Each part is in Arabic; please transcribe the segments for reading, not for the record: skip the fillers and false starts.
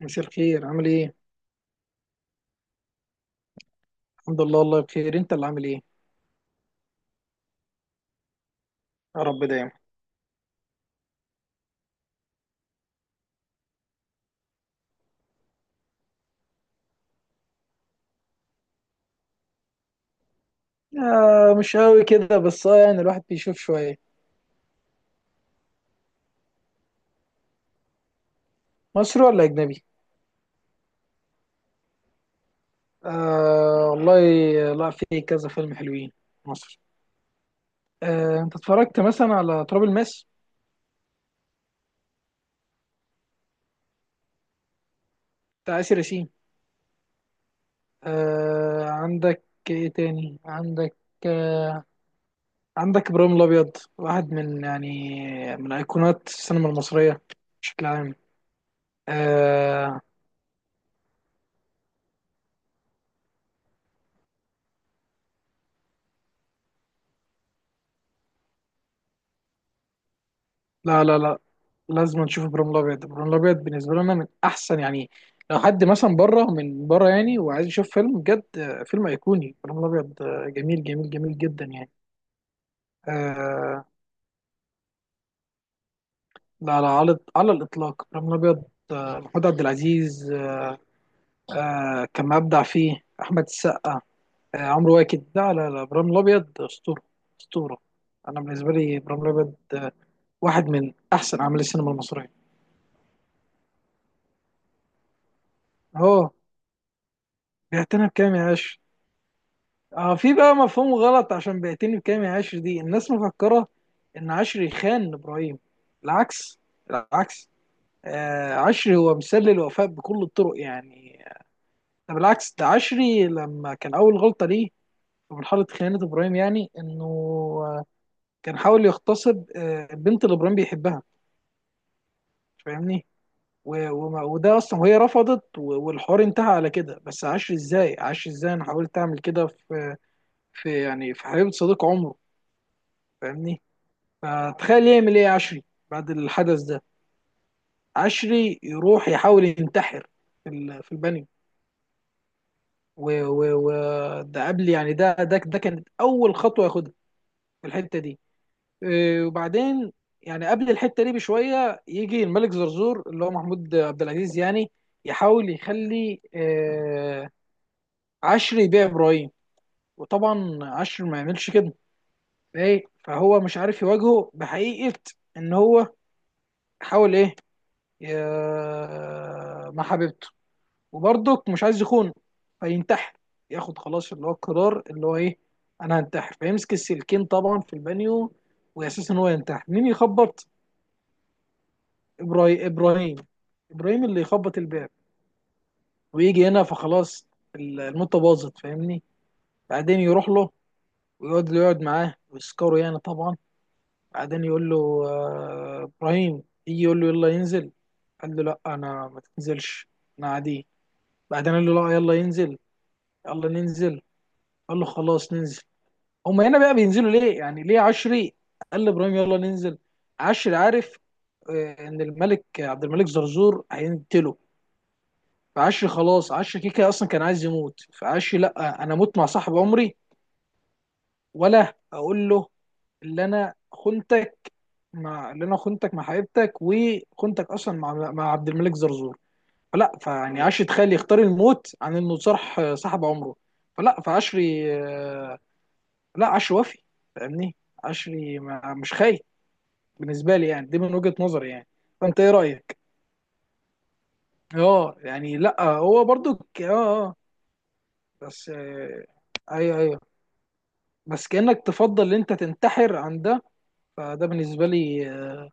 مساء الخير، عامل ايه؟ الحمد لله والله بخير، انت اللي عامل ايه؟ يا رب دايما. آه، مش قوي كده، بس يعني الواحد بيشوف شوية. مصري ولا أجنبي؟ آه والله، لا، في كذا فيلم حلوين مصر. آه، انت اتفرجت مثلا على تراب الماس بتاع آسر ياسين؟ آه، عندك ايه تاني؟ آه عندك إبراهيم الأبيض، واحد من أيقونات السينما المصرية بشكل عام. آه، لا لا لا، لازم نشوف ابراهيم الابيض. ابراهيم الابيض بالنسبه لنا من احسن، يعني لو حد مثلا بره، من بره يعني، وعايز يشوف فيلم بجد، فيلم ايقوني، ابراهيم الابيض. جميل جميل جميل جدا يعني. آه، لا لا، على الاطلاق ابراهيم الابيض. محمود عبد العزيز آه، كان مبدع فيه. احمد السقا، عمرو واكد، لا لا لا، ابراهيم الابيض اسطوره، اسطوره. انا بالنسبه لي ابراهيم الابيض واحد من احسن اعمال السينما المصريه. اه، بيعتنى بكام يا عاش. اه، في بقى مفهوم غلط، عشان بيعتني بكامل عاشر دي الناس مفكرة ان عاشر يخان ابراهيم. العكس، العكس. آه، عشري هو مثال للوفاء بكل الطرق يعني. ده بالعكس، ده عشري لما كان اول غلطة ليه في مرحلة خيانة ابراهيم، يعني انه آه، كان حاول يغتصب البنت اللي ابراهيم بيحبها، فاهمني. وده اصلا، وهي رفضت، والحوار انتهى على كده. بس عشري ازاي، عشري ازاي انا حاولت اعمل كده في حبيبة صديق عمره، فاهمني. فتخيل يعمل ايه عشري بعد الحدث ده. عشري يروح يحاول ينتحر في البانيو. ده قبل، يعني ده كانت اول خطوه ياخدها في الحته دي. إيه، وبعدين يعني قبل الحته دي بشويه، يجي الملك زرزور، اللي هو محمود عبد العزيز يعني، يحاول يخلي عشري يبيع ابراهيم، وطبعا عشري ما يعملش كده. ايه، فهو مش عارف يواجهه بحقيقه ان هو حاول ايه مع حبيبته، وبرضك مش عايز يخونه، فينتحر. ياخد خلاص اللي هو القرار، اللي هو ايه؟ انا هنتحر. فيمسك السلكين طبعا في البانيو، واساس ان هو ينتحر، مين يخبط؟ ابراهيم، ابراهيم، ابراهيم اللي يخبط الباب، ويجي هنا فخلاص الموتة باظت، فاهمني. بعدين يروح له ويقعد يقعد معاه ويسكره يعني طبعا. بعدين يقول له ابراهيم يجي يقول له يلا ينزل. قال له لا، انا ما تنزلش، انا عادي. بعدين قال له لا، يلا ينزل، يلا ننزل. قال له خلاص ننزل. هما هنا بقى بينزلوا ليه؟ يعني ليه عشري قال لابراهيم يلا ننزل؟ عشري عارف ان عبد الملك زرزور هيقتله. فعشري خلاص، عشري كيكا اصلا كان عايز يموت، فعشري لا، انا اموت مع صاحب عمري، ولا اقول له اللي انا خنتك اللي انا خنتك مع حبيبتك، وخنتك اصلا مع عبد الملك زرزور. فلا فيعني عشري تخيل يختار الموت عن انه صرح صاحب عمره. فلا فعشري لا، عشري وفي، فاهمني. عشري ما مش خاين بالنسبه لي، يعني دي من وجهه نظري يعني. فانت ايه رايك؟ اه يعني لا، هو برضو اه، بس ايوه، ايوه، بس كانك تفضل ان انت تنتحر عن ده. فده بالنسبه لي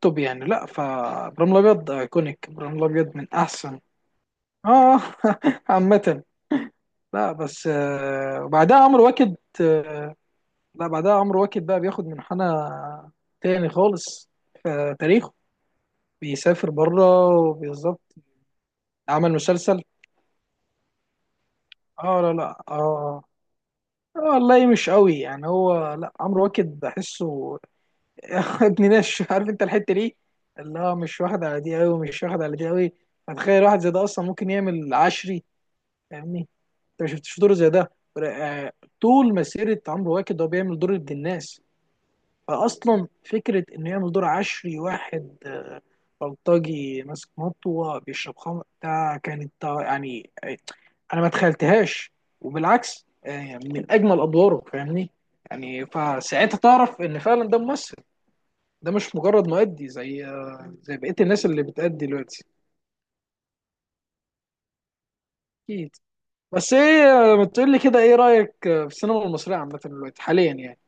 توب يعني. لا، فابراهيم الابيض ايكونيك، ابراهيم الابيض من احسن. اه. عامه. لا بس وبعدها عمرو واكد لا، بعدها عمرو واكد بقى بياخد منحنى تاني خالص في تاريخه. بيسافر بره، بالظبط. عمل مسلسل. اه لا لا اه، والله مش قوي يعني، هو لا، عمرو واكد بحسه ابن ناس، عارف انت الحته دي اللي هو مش واخد على دي قوي، مش واخد على دي قوي. فتخيل واحد زي ده اصلا ممكن يعمل عشري، فاهمني؟ انت ما شفتش دور زي ده. آه، طول مسيره عمرو واكد هو بيعمل دور ابن الناس. فاصلا فكره انه يعمل دور عشري، واحد بلطجي ماسك مطوه بيشرب خمر، ده كانت يعني انا ما تخيلتهاش، وبالعكس يعني من اجمل ادواره، فاهمني. يعني فساعتها تعرف ان فعلا ده ممثل، ده مش مجرد مؤدي زي زي بقيه الناس اللي بتأدي دلوقتي. اكيد. بس ايه، ما تقول لي كده ايه رايك في السينما المصريه عامه دلوقتي حاليا يعني.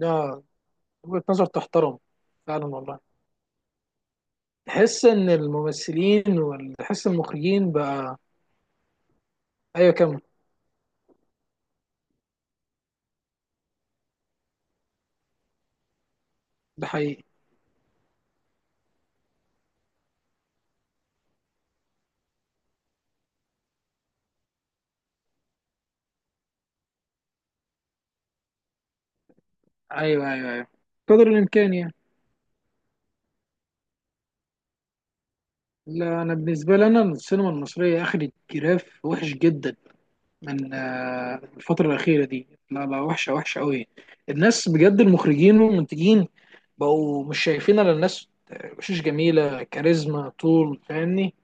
ده وجهه نظر تحترم، فعلا والله. تحس ان الممثلين وتحس المخرجين بقى، ايوه كمل، ده حقيقي، ايوه ايوه ايوه، قدر الامكان يعني. لا انا بالنسبه لي انا السينما المصريه اخدت جراف وحش جدا من الفتره الاخيره دي. لا لا، وحشه، وحشه قوي. الناس بجد، المخرجين والمنتجين بقوا مش شايفين الا الناس وشوش جميله، كاريزما طول، فاهمني.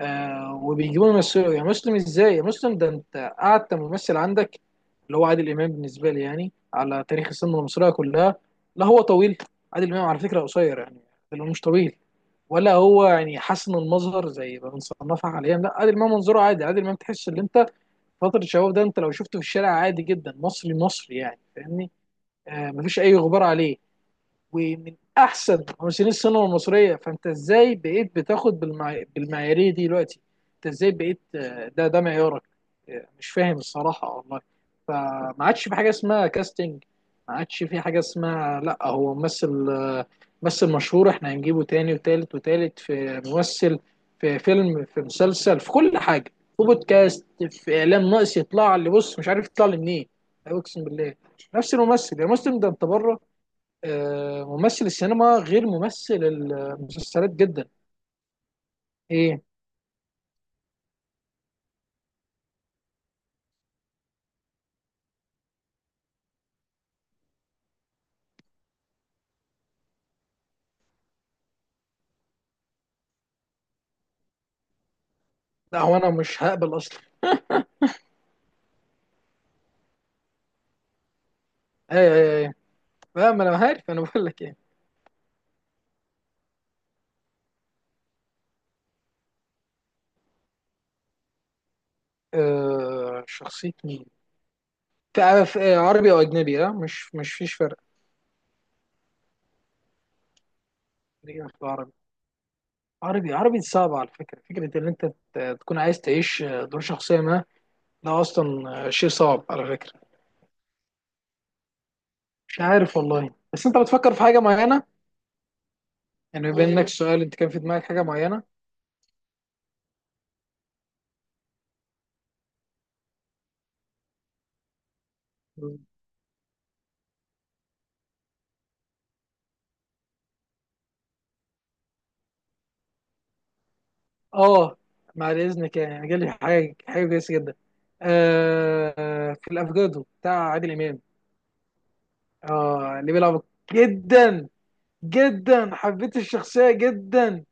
آه، وبيجيبوا يمثلوا، يا مسلم ازاي، يا مسلم ده انت قعدت ممثل عندك اللي هو عادل امام، بالنسبه لي يعني على تاريخ السينما المصريه كلها. لا، هو طويل؟ عادل امام على فكره قصير يعني، اللي هو مش طويل، ولا هو يعني حسن المظهر زي ما بنصنفها حاليا. لا، عادل امام منظره عادي، عادل امام تحس ان انت فتره الشباب ده، انت لو شفته في الشارع عادي جدا، مصري مصري يعني، فاهمني. آه، مفيش اي غبار عليه، ومن احسن ممثلين السينما المصريه. فانت ازاي بقيت بتاخد بالمعياريه دي دلوقتي؟ انت ازاي بقيت ده معيارك؟ مش فاهم الصراحه والله. فما عادش في حاجه اسمها كاستنج، ما عادش في حاجه اسمها، لا هو ممثل ممثل مشهور احنا هنجيبه تاني وتالت وتالت في ممثل، في فيلم، في مسلسل، في كل حاجه، في بودكاست، في اعلام، ناقص يطلع اللي بص مش عارف يطلع لي منين. اقسم بالله نفس الممثل، يا مسلم ده انت بره ممثل السينما غير ممثل المسلسلات جدا. ايه؟ لا هو انا مش هقبل اصلا. ايه ايه ايه، لا ما انا عارف انا بقول لك ايه. شخصية مين؟ عربي او اجنبي، اه مش فيش فرق. خلينا في العربي، عربي عربي صعب على فكرة ان انت تكون عايز تعيش دور شخصية ما، ده اصلا شيء صعب على فكرة. مش عارف والله، بس انت بتفكر في حاجة معينة، يعني بما انك السؤال انت كان في دماغك حاجة معينة. اه، بعد اذنك، يعني جالي حاجه كويسه جدا. آه، في الافوكادو بتاع عادل امام. اه اللي بيلعب جدا، جدا، حبيت الشخصيه جدا،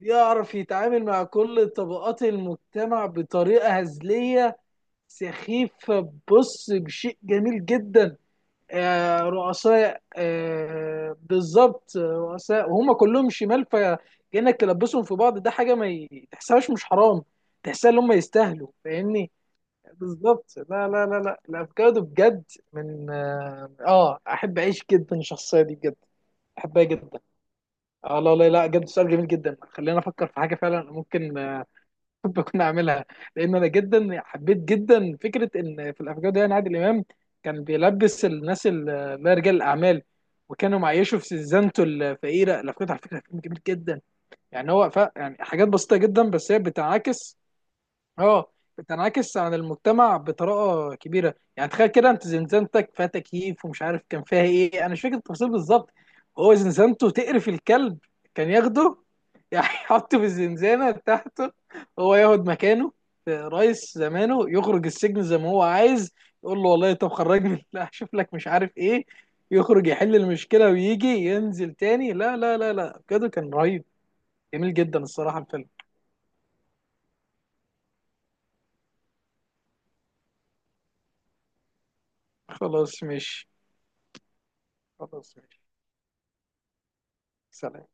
يعرف يتعامل مع كل طبقات المجتمع بطريقه هزليه سخيفه، بص، بشيء جميل جدا. رؤساء، بالظبط، رؤساء، وهم كلهم شمال، فكأنك تلبسهم في بعض، ده حاجة ما تحسهاش مش حرام. تحسها ان هم يستاهلوا، فاهمني. بالظبط، لا لا لا لا، الافوكادو بجد، من اه آه، احب اعيش جدا الشخصية دي بجد، احبها جدا. اه لا لا لا، بجد سؤال جميل جدا، خلينا افكر في حاجة فعلا ممكن بكون عاملها. لان انا جدا حبيت جدا فكره ان في الافكار دي، أن عادل امام كان بيلبس الناس اللي هي رجال الاعمال، وكانوا معيشوا في سيزانته الفقيره، الافكار دي على فكره، فيلم جميل جدا يعني. هو يعني حاجات بسيطه جدا، بس هي بتعاكس اه بتنعكس عن المجتمع بطريقه كبيره. يعني تخيل كده، انت زنزانتك فيها تكييف ومش عارف كان فيها ايه، انا مش فاكر التفاصيل بالظبط، هو زنزانته تقرف الكلب. كان ياخده يعني يحطه في الزنزانه بتاعته، هو ياخد مكانه، رئيس زمانه، يخرج السجن زي ما هو عايز. يقول له والله، طب خرجني، لا اشوف لك مش عارف ايه، يخرج يحل المشكله ويجي ينزل تاني. لا لا لا لا، بجد كان رهيب، جميل جدا الصراحه الفيلم. خلاص ماشي، خلاص ماشي، سلام.